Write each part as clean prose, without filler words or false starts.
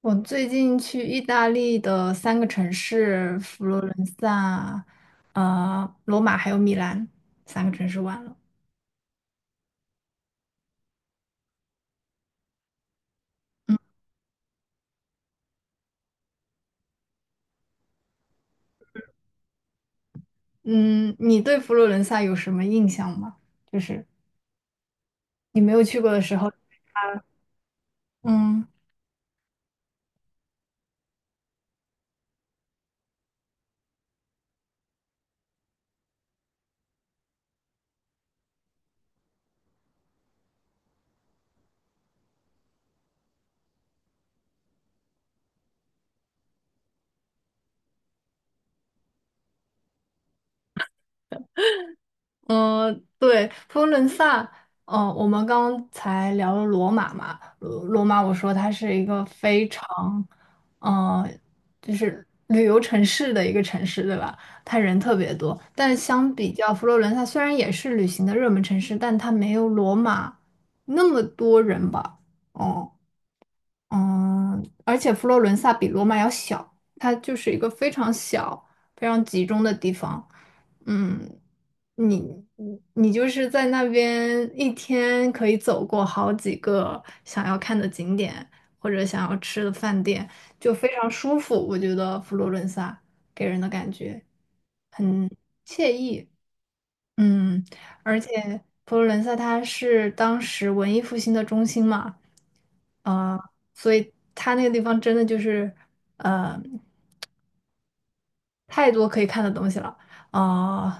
我最近去意大利的3个城市，佛罗伦萨、罗马还有米兰三个城市玩了。嗯，你对佛罗伦萨有什么印象吗？就是你没有去过的时候。嗯。嗯，对，佛罗伦萨，嗯，我们刚才聊了罗马嘛。罗马，我说它是一个非常，嗯，就是旅游城市的一个城市，对吧？它人特别多，但相比较佛罗伦萨，虽然也是旅行的热门城市，但它没有罗马那么多人吧。哦。嗯，而且佛罗伦萨比罗马要小，它就是一个非常小、非常集中的地方。嗯，你你就是在那边一天可以走过好几个想要看的景点或者想要吃的饭店，就非常舒服。我觉得佛罗伦萨给人的感觉很惬意。嗯。而且。佛罗伦萨它是当时文艺复兴的中心嘛，呃，所以它那个地方真的就是呃太多可以看的东西了，呃，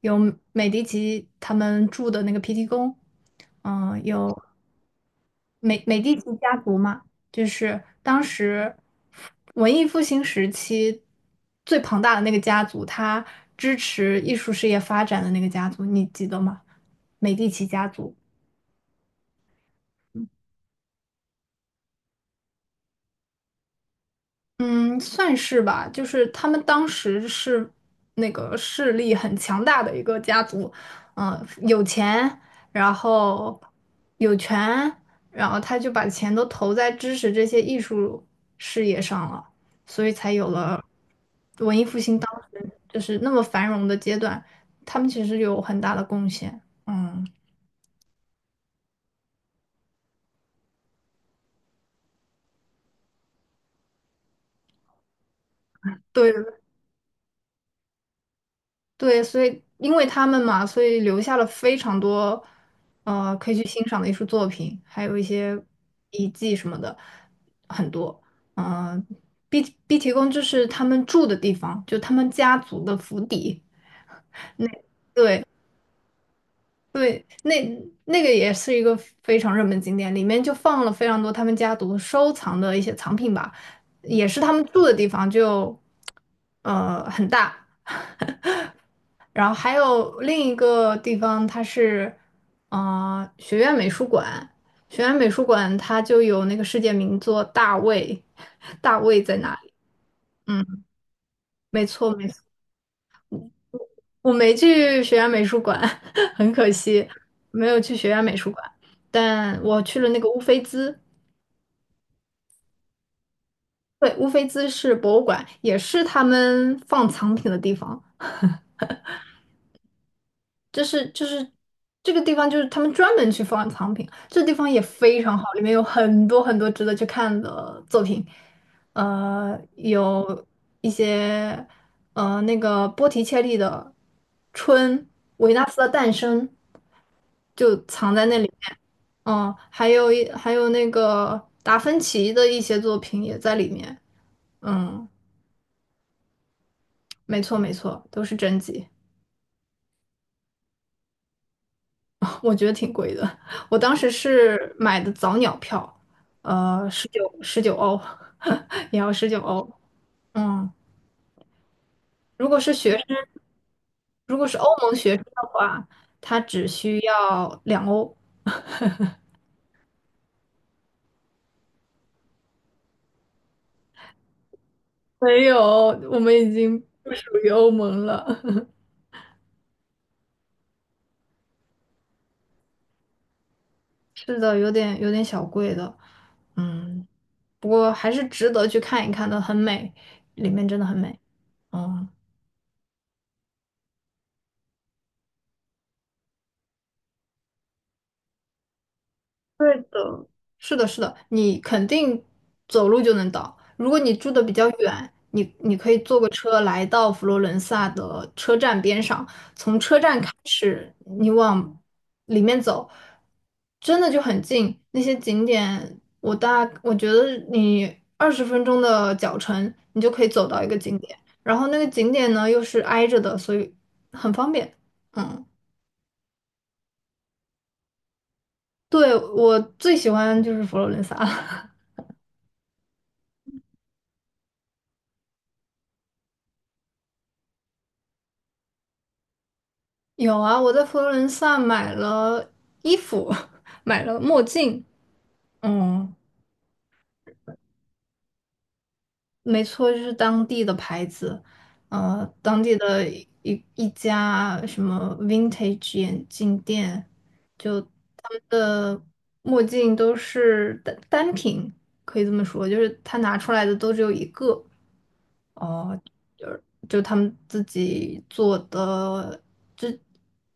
有美第奇他们住的那个皮提宫，有美第奇家族嘛，就是当时文艺复兴时期最庞大的那个家族，它支持艺术事业发展的那个家族，你记得吗？美第奇家族。嗯，算是吧，就是他们当时是那个势力很强大的一个家族，有钱，然后有权，然后他就把钱都投在支持这些艺术事业上了，所以才有了文艺复兴当时就是那么繁荣的阶段，他们其实有很大的贡献。嗯，对对，所以因为他们嘛，所以留下了非常多，可以去欣赏的艺术作品，还有一些遗迹什么的，很多。嗯、毕提宫就是他们住的地方，就他们家族的府邸。那，对对，那个也是一个非常热门景点，里面就放了非常多他们家族收藏的一些藏品吧，也是他们住的地方，就很大。然后还有另一个地方，它是，学院美术馆。学院美术馆它就有那个世界名作《大卫》。大卫在哪里？嗯，没错没错，我没去学院美术馆。很可惜，没有去学院美术馆，但我去了那个乌菲兹。对，乌菲兹是博物馆，也是他们放藏品的地方。就是这个地方就是他们专门去放藏品，这地方也非常好，里面有很多很多值得去看的作品，有一些那个波提切利的《春》、维纳斯的诞生就藏在那里面，嗯，还有那个达芬奇的一些作品也在里面。嗯，没错没错，都是真迹。我觉得挺贵的。我当时是买的早鸟票，十九欧，也要十九欧。嗯，如果是学生，如果是欧盟学生的话，他只需要2欧。没有，我们已经不属于欧盟了。是的，有点小贵的，嗯，不过还是值得去看一看的，很美，里面真的很美。嗯。对的，是的，是的，你肯定走路就能到。如果你住的比较远，你可以坐个车来到佛罗伦萨的车站边上，你往里面走，真的就很近。那些景点，我觉得你20分钟的脚程，你就可以走到一个景点。然后那个景点呢又是挨着的，所以很方便。嗯，对，我最喜欢就是佛罗伦萨了。有啊，我在佛罗伦萨买了衣服，买了墨镜。嗯，没错，就是当地的牌子，当地的一家什么 vintage 眼镜店，就他们的墨镜都是单品，可以这么说，就是他拿出来的都只有一个，就他们自己做的，这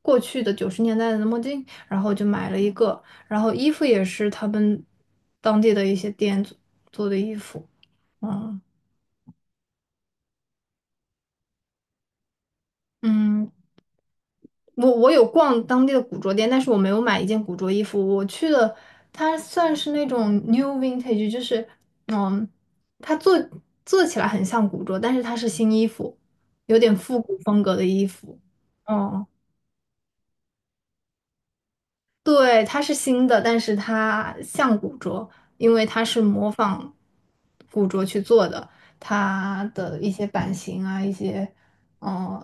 过去的90年代的墨镜，然后就买了一个，然后衣服也是他们当地的一些店做的衣服。嗯嗯，我有逛当地的古着店，但是我没有买一件古着衣服，我去的它算是那种 new vintage,就是，嗯，它做起来很像古着，但是它是新衣服，有点复古风格的衣服。嗯。对，它是新的，但是它像古着，因为它是模仿古着去做的，它的一些版型啊，一些，嗯、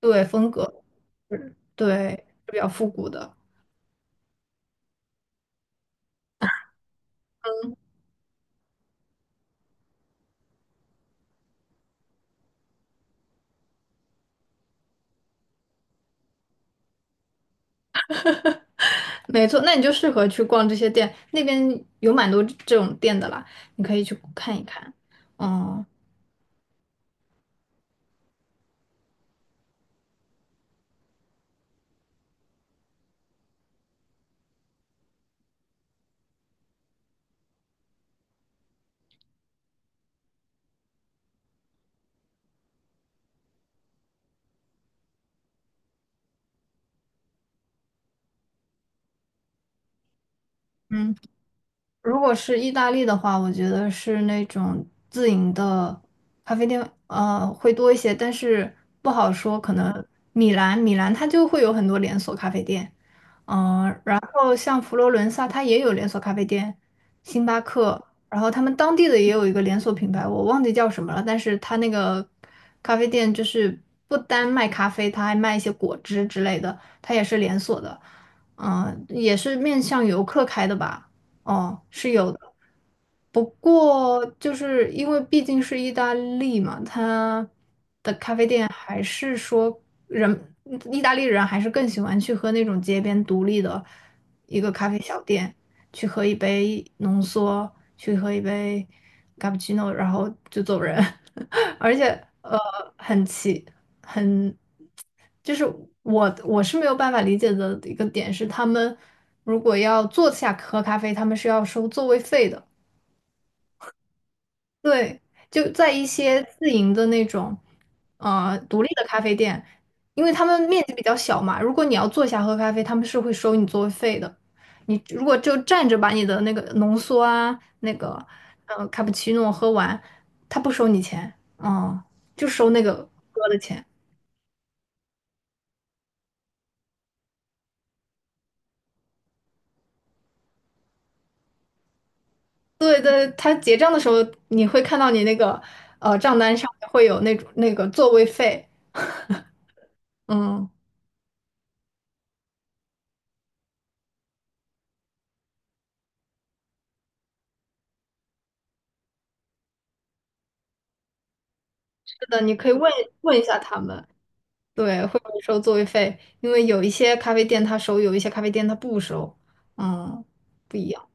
对，风格，是对，是比较复古的，没错。那你就适合去逛这些店，那边有蛮多这种店的啦，你可以去看一看。嗯嗯，如果是意大利的话，我觉得是那种自营的咖啡店，会多一些，但是不好说。可能米兰，米兰它就会有很多连锁咖啡店，然后像佛罗伦萨，它也有连锁咖啡店，星巴克。然后他们当地的也有一个连锁品牌，我忘记叫什么了，但是它那个咖啡店就是不单卖咖啡，它还卖一些果汁之类的，它也是连锁的，也是面向游客开的吧。哦，是有的，不过就是因为毕竟是意大利嘛，它的咖啡店还是说人，意大利人还是更喜欢去喝那种街边独立的一个咖啡小店，去喝一杯浓缩，去喝一杯 cappuccino,然后就走人。而且，呃，很奇，很，就是我是没有办法理解的一个点是，他们如果要坐下喝咖啡，他们是要收座位费的。对，就在一些自营的那种，独立的咖啡店，因为他们面积比较小嘛，如果你要坐下喝咖啡，他们是会收你座位费的。你如果就站着把你的那个浓缩啊，那个卡布奇诺喝完，他不收你钱，嗯，就收那个喝的钱。对对，他结账的时候你会看到你那个账单上面会有那种那个座位费。嗯，是的，你可以问一下他们。对，会不会收座位费？因为有一些咖啡店它收，有一些咖啡店它不收。嗯，不一样。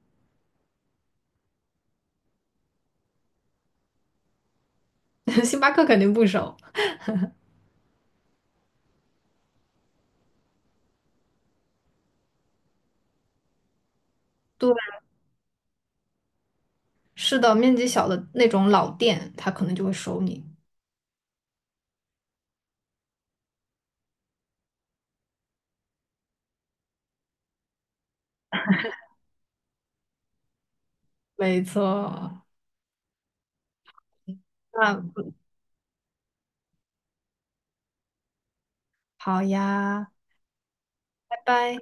星巴克肯定不收。对，是的，面积小的那种老店，它可能就会收你。没错，那好呀，拜拜。